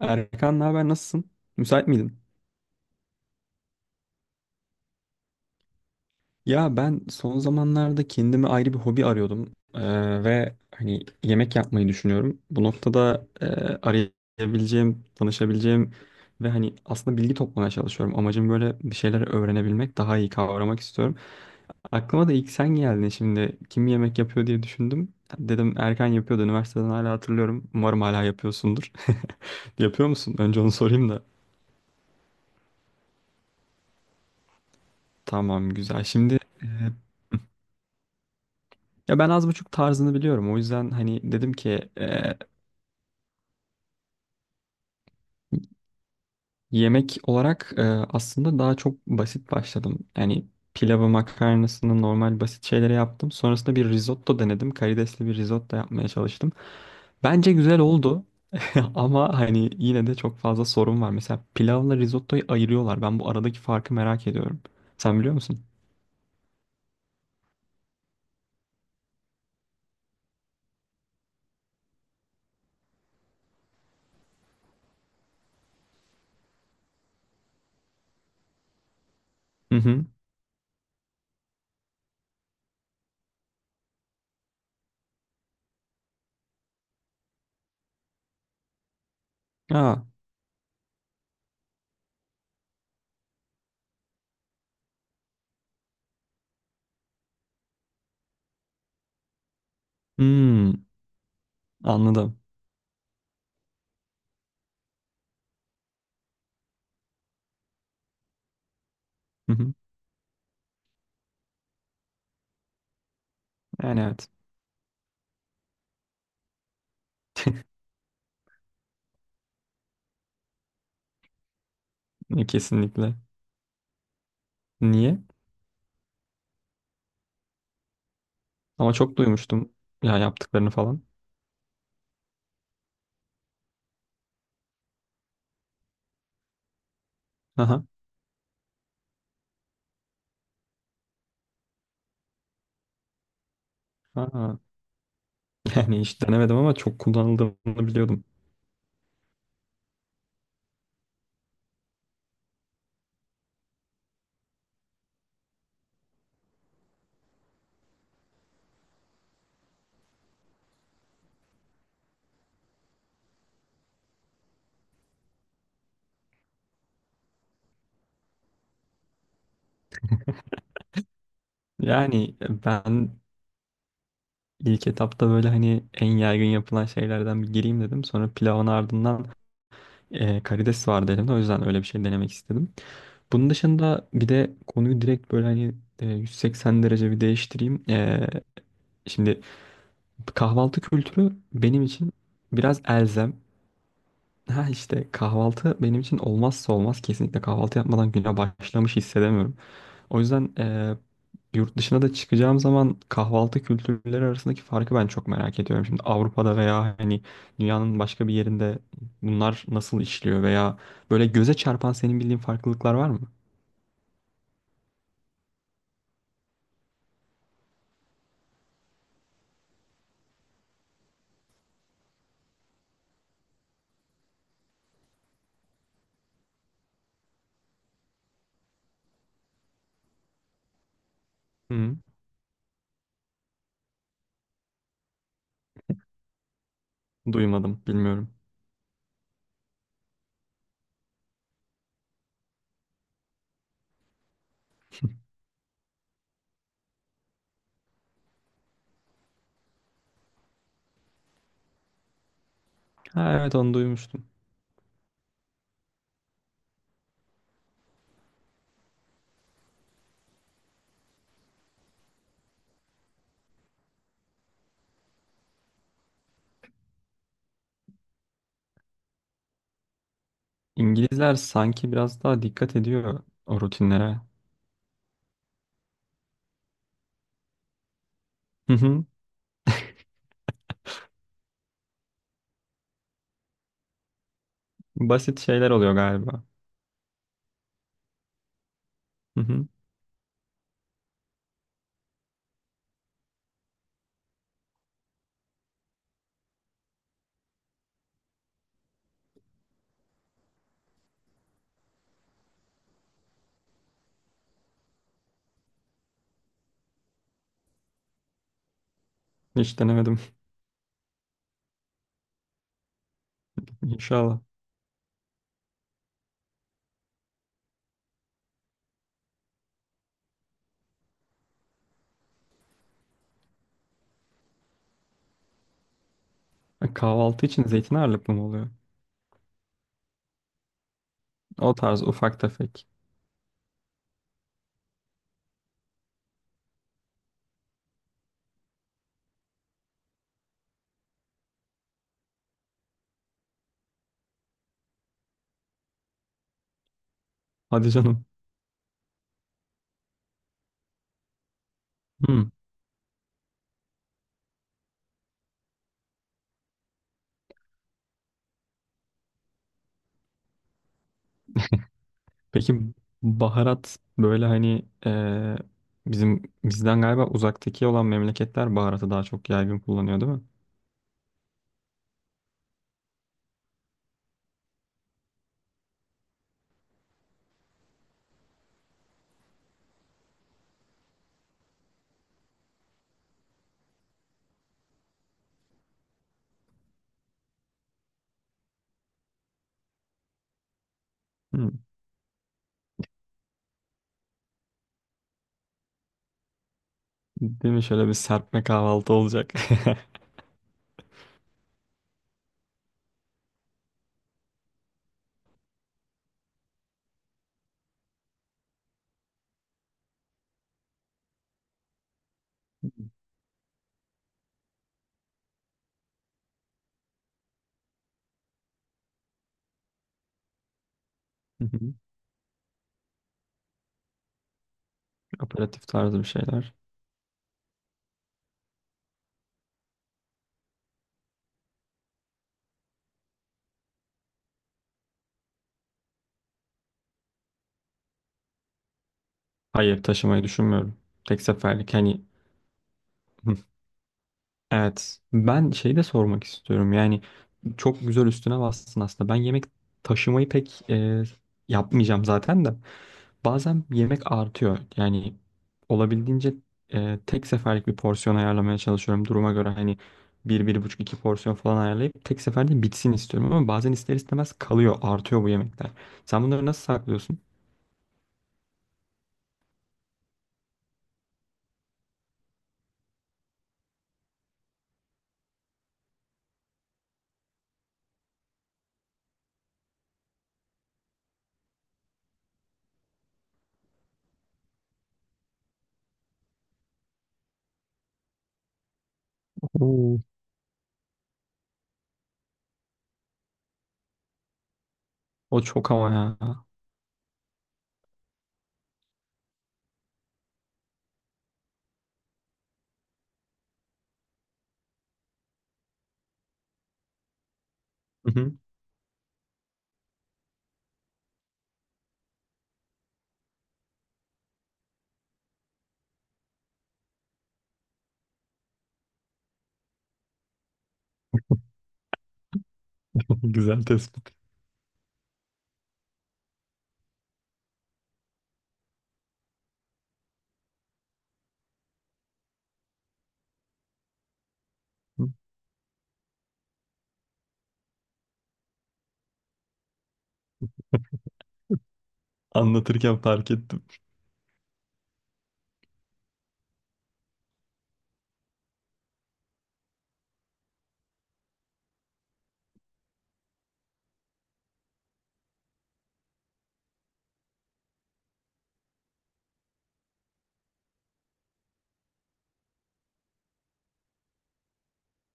Erkan ne haber, nasılsın? Müsait miydin? Ya ben son zamanlarda kendime ayrı bir hobi arıyordum. Ve hani yemek yapmayı düşünüyorum. Bu noktada arayabileceğim, danışabileceğim ve hani aslında bilgi toplamaya çalışıyorum. Amacım böyle bir şeyler öğrenebilmek, daha iyi kavramak istiyorum. Aklıma da ilk sen geldin, şimdi kim yemek yapıyor diye düşündüm. Dedim Erkan yapıyordu üniversiteden, hala hatırlıyorum. Umarım hala yapıyorsundur. Yapıyor musun? Önce onu sorayım da. Tamam, güzel. Ya ben az buçuk tarzını biliyorum. O yüzden hani dedim ki, yemek olarak aslında daha çok basit başladım. Yani pilavı, makarnasını, normal basit şeyleri yaptım. Sonrasında bir risotto denedim. Karidesli bir risotto yapmaya çalıştım. Bence güzel oldu, ama hani yine de çok fazla sorun var. Mesela pilavla risottoyu ayırıyorlar. Ben bu aradaki farkı merak ediyorum. Sen biliyor musun? Hı hı. Aa, hmm, anladım. Hı hı. Yani evet, kesinlikle. Niye? Ama çok duymuştum ya, yaptıklarını falan. Aha. Aha. Yani hiç denemedim ama çok kullanıldığını biliyordum. Yani ben ilk etapta böyle hani en yaygın yapılan şeylerden bir gireyim dedim. Sonra pilavın ardından karides vardı elimde. O yüzden öyle bir şey denemek istedim. Bunun dışında bir de konuyu direkt böyle hani 180 derece bir değiştireyim. Şimdi kahvaltı kültürü benim için biraz elzem. Ha işte kahvaltı benim için olmazsa olmaz. Kesinlikle kahvaltı yapmadan güne başlamış hissedemiyorum. O yüzden yurt dışına da çıkacağım zaman kahvaltı kültürleri arasındaki farkı ben çok merak ediyorum. Şimdi Avrupa'da veya hani dünyanın başka bir yerinde bunlar nasıl işliyor veya böyle göze çarpan senin bildiğin farklılıklar var mı? Hı, duymadım, bilmiyorum. Ha evet, onu duymuştum. İngilizler sanki biraz daha dikkat ediyor o rutinlere. Hı hı. Basit şeyler oluyor galiba. Hı hı. Hiç denemedim. İnşallah. Kahvaltı için zeytin ağırlıklı mı oluyor? O tarz ufak tefek. Hadi canım. Hmm. Peki baharat böyle hani bizim bizden galiba uzaktaki olan memleketler baharatı daha çok yaygın kullanıyor, değil mi? Hmm. Değil mi? Şöyle bir serpme kahvaltı olacak. Hı hı. Aperatif tarzı bir şeyler. Hayır, taşımayı düşünmüyorum. Tek seferlik hani. Hı. Evet. Ben şey de sormak istiyorum. Yani çok güzel üstüne bastın aslında. Ben yemek taşımayı pek yapmayacağım zaten de. Bazen yemek artıyor. Yani olabildiğince tek seferlik bir porsiyon ayarlamaya çalışıyorum. Duruma göre hani bir, bir buçuk, iki porsiyon falan ayarlayıp tek seferde bitsin istiyorum. Ama bazen ister istemez kalıyor, artıyor bu yemekler. Sen bunları nasıl saklıyorsun? Oo. O çok ama ya. Hı hı. Güzel tespit. Anlatırken fark ettim.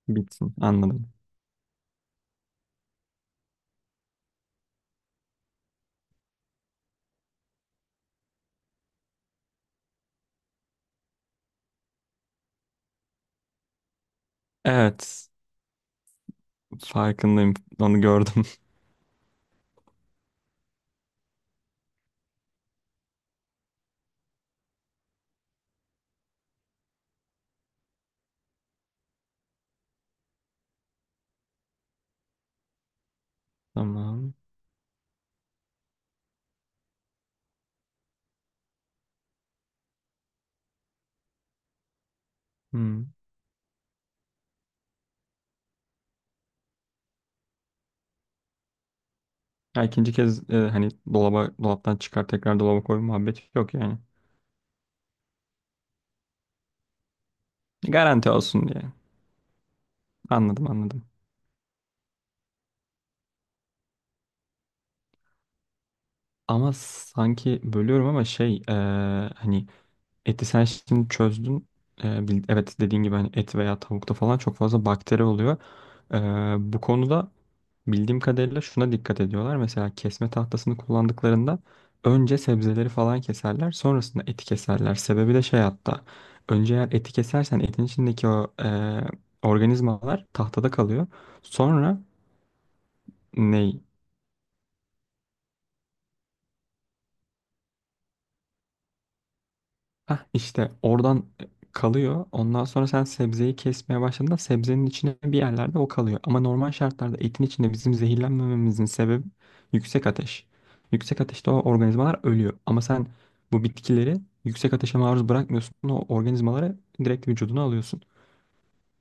Bitsin. Anladım. Evet. Farkındayım. Onu gördüm. Tamam. Hmm. Ya ikinci kez hani dolaba, dolaptan çıkar tekrar dolaba koy muhabbeti yok yani. Garanti olsun diye. Anladım, anladım. Ama sanki bölüyorum ama şey, hani. Eti sen şimdi çözdün. Evet, dediğin gibi hani et veya tavukta falan çok fazla bakteri oluyor. Ee, Bu konuda bildiğim kadarıyla şuna dikkat ediyorlar. Mesela kesme tahtasını kullandıklarında önce sebzeleri falan keserler, sonrasında eti keserler. Sebebi de şey hatta. Önce eğer eti kesersen etin içindeki o organizmalar tahtada kalıyor. Sonra ne? Hah, işte oradan kalıyor. Ondan sonra sen sebzeyi kesmeye başladığında sebzenin içine bir yerlerde o kalıyor. Ama normal şartlarda etin içinde bizim zehirlenmememizin sebebi yüksek ateş. Yüksek ateşte o organizmalar ölüyor. Ama sen bu bitkileri yüksek ateşe maruz bırakmıyorsun. O organizmaları direkt vücuduna alıyorsun.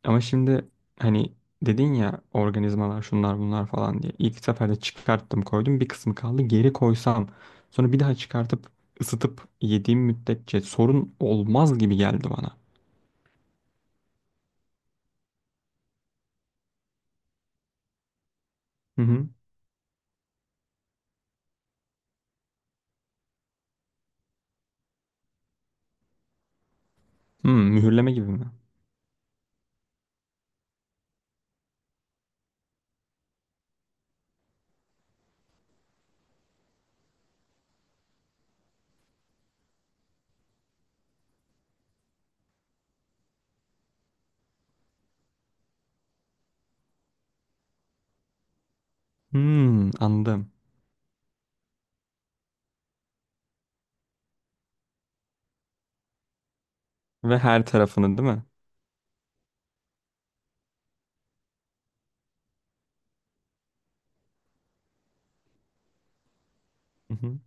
Ama şimdi hani dedin ya, organizmalar şunlar bunlar falan diye. İlk seferde çıkarttım koydum, bir kısmı kaldı, geri koysam sonra bir daha çıkartıp ısıtıp yediğim müddetçe sorun olmaz gibi geldi bana. Hı hı. Hmm, mühürleme gibi mi? Hmm, anladım. Ve her tarafını, değil mi? Hı hı.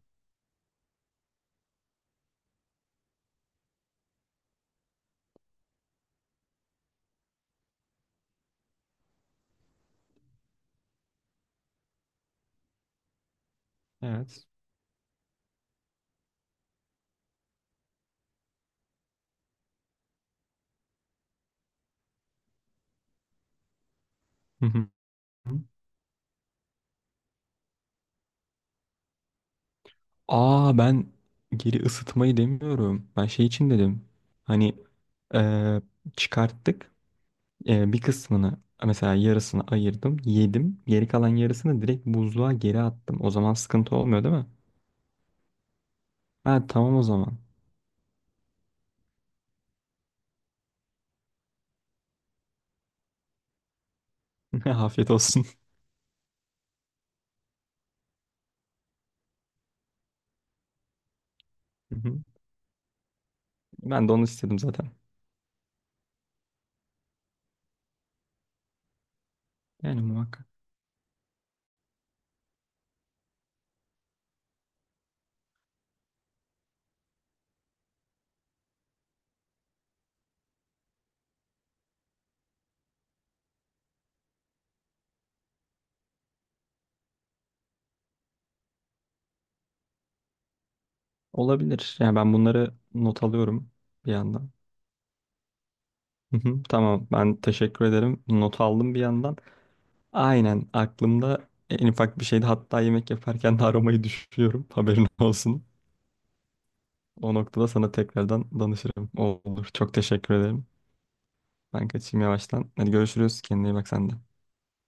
Evet. Hı hı. Aa, ben geri ısıtmayı demiyorum. Ben şey için dedim. Hani, eee, çıkarttık. Bir kısmını mesela, yarısını ayırdım, yedim. Geri kalan yarısını direkt buzluğa geri attım. O zaman sıkıntı olmuyor, değil mi? Ha tamam, o zaman. Afiyet olsun. Hı hı. Ben de onu istedim zaten. Yani muhakkak. Olabilir. Yani ben bunları not alıyorum bir yandan. Hı hı. Tamam, ben teşekkür ederim. Not aldım bir yandan. Aynen, aklımda en ufak bir şeydi. Hatta yemek yaparken de aromayı düşünüyorum, haberin olsun. O noktada sana tekrardan danışırım. Olur. Çok teşekkür ederim. Ben kaçayım yavaştan. Hadi görüşürüz. Kendine iyi bak sen de.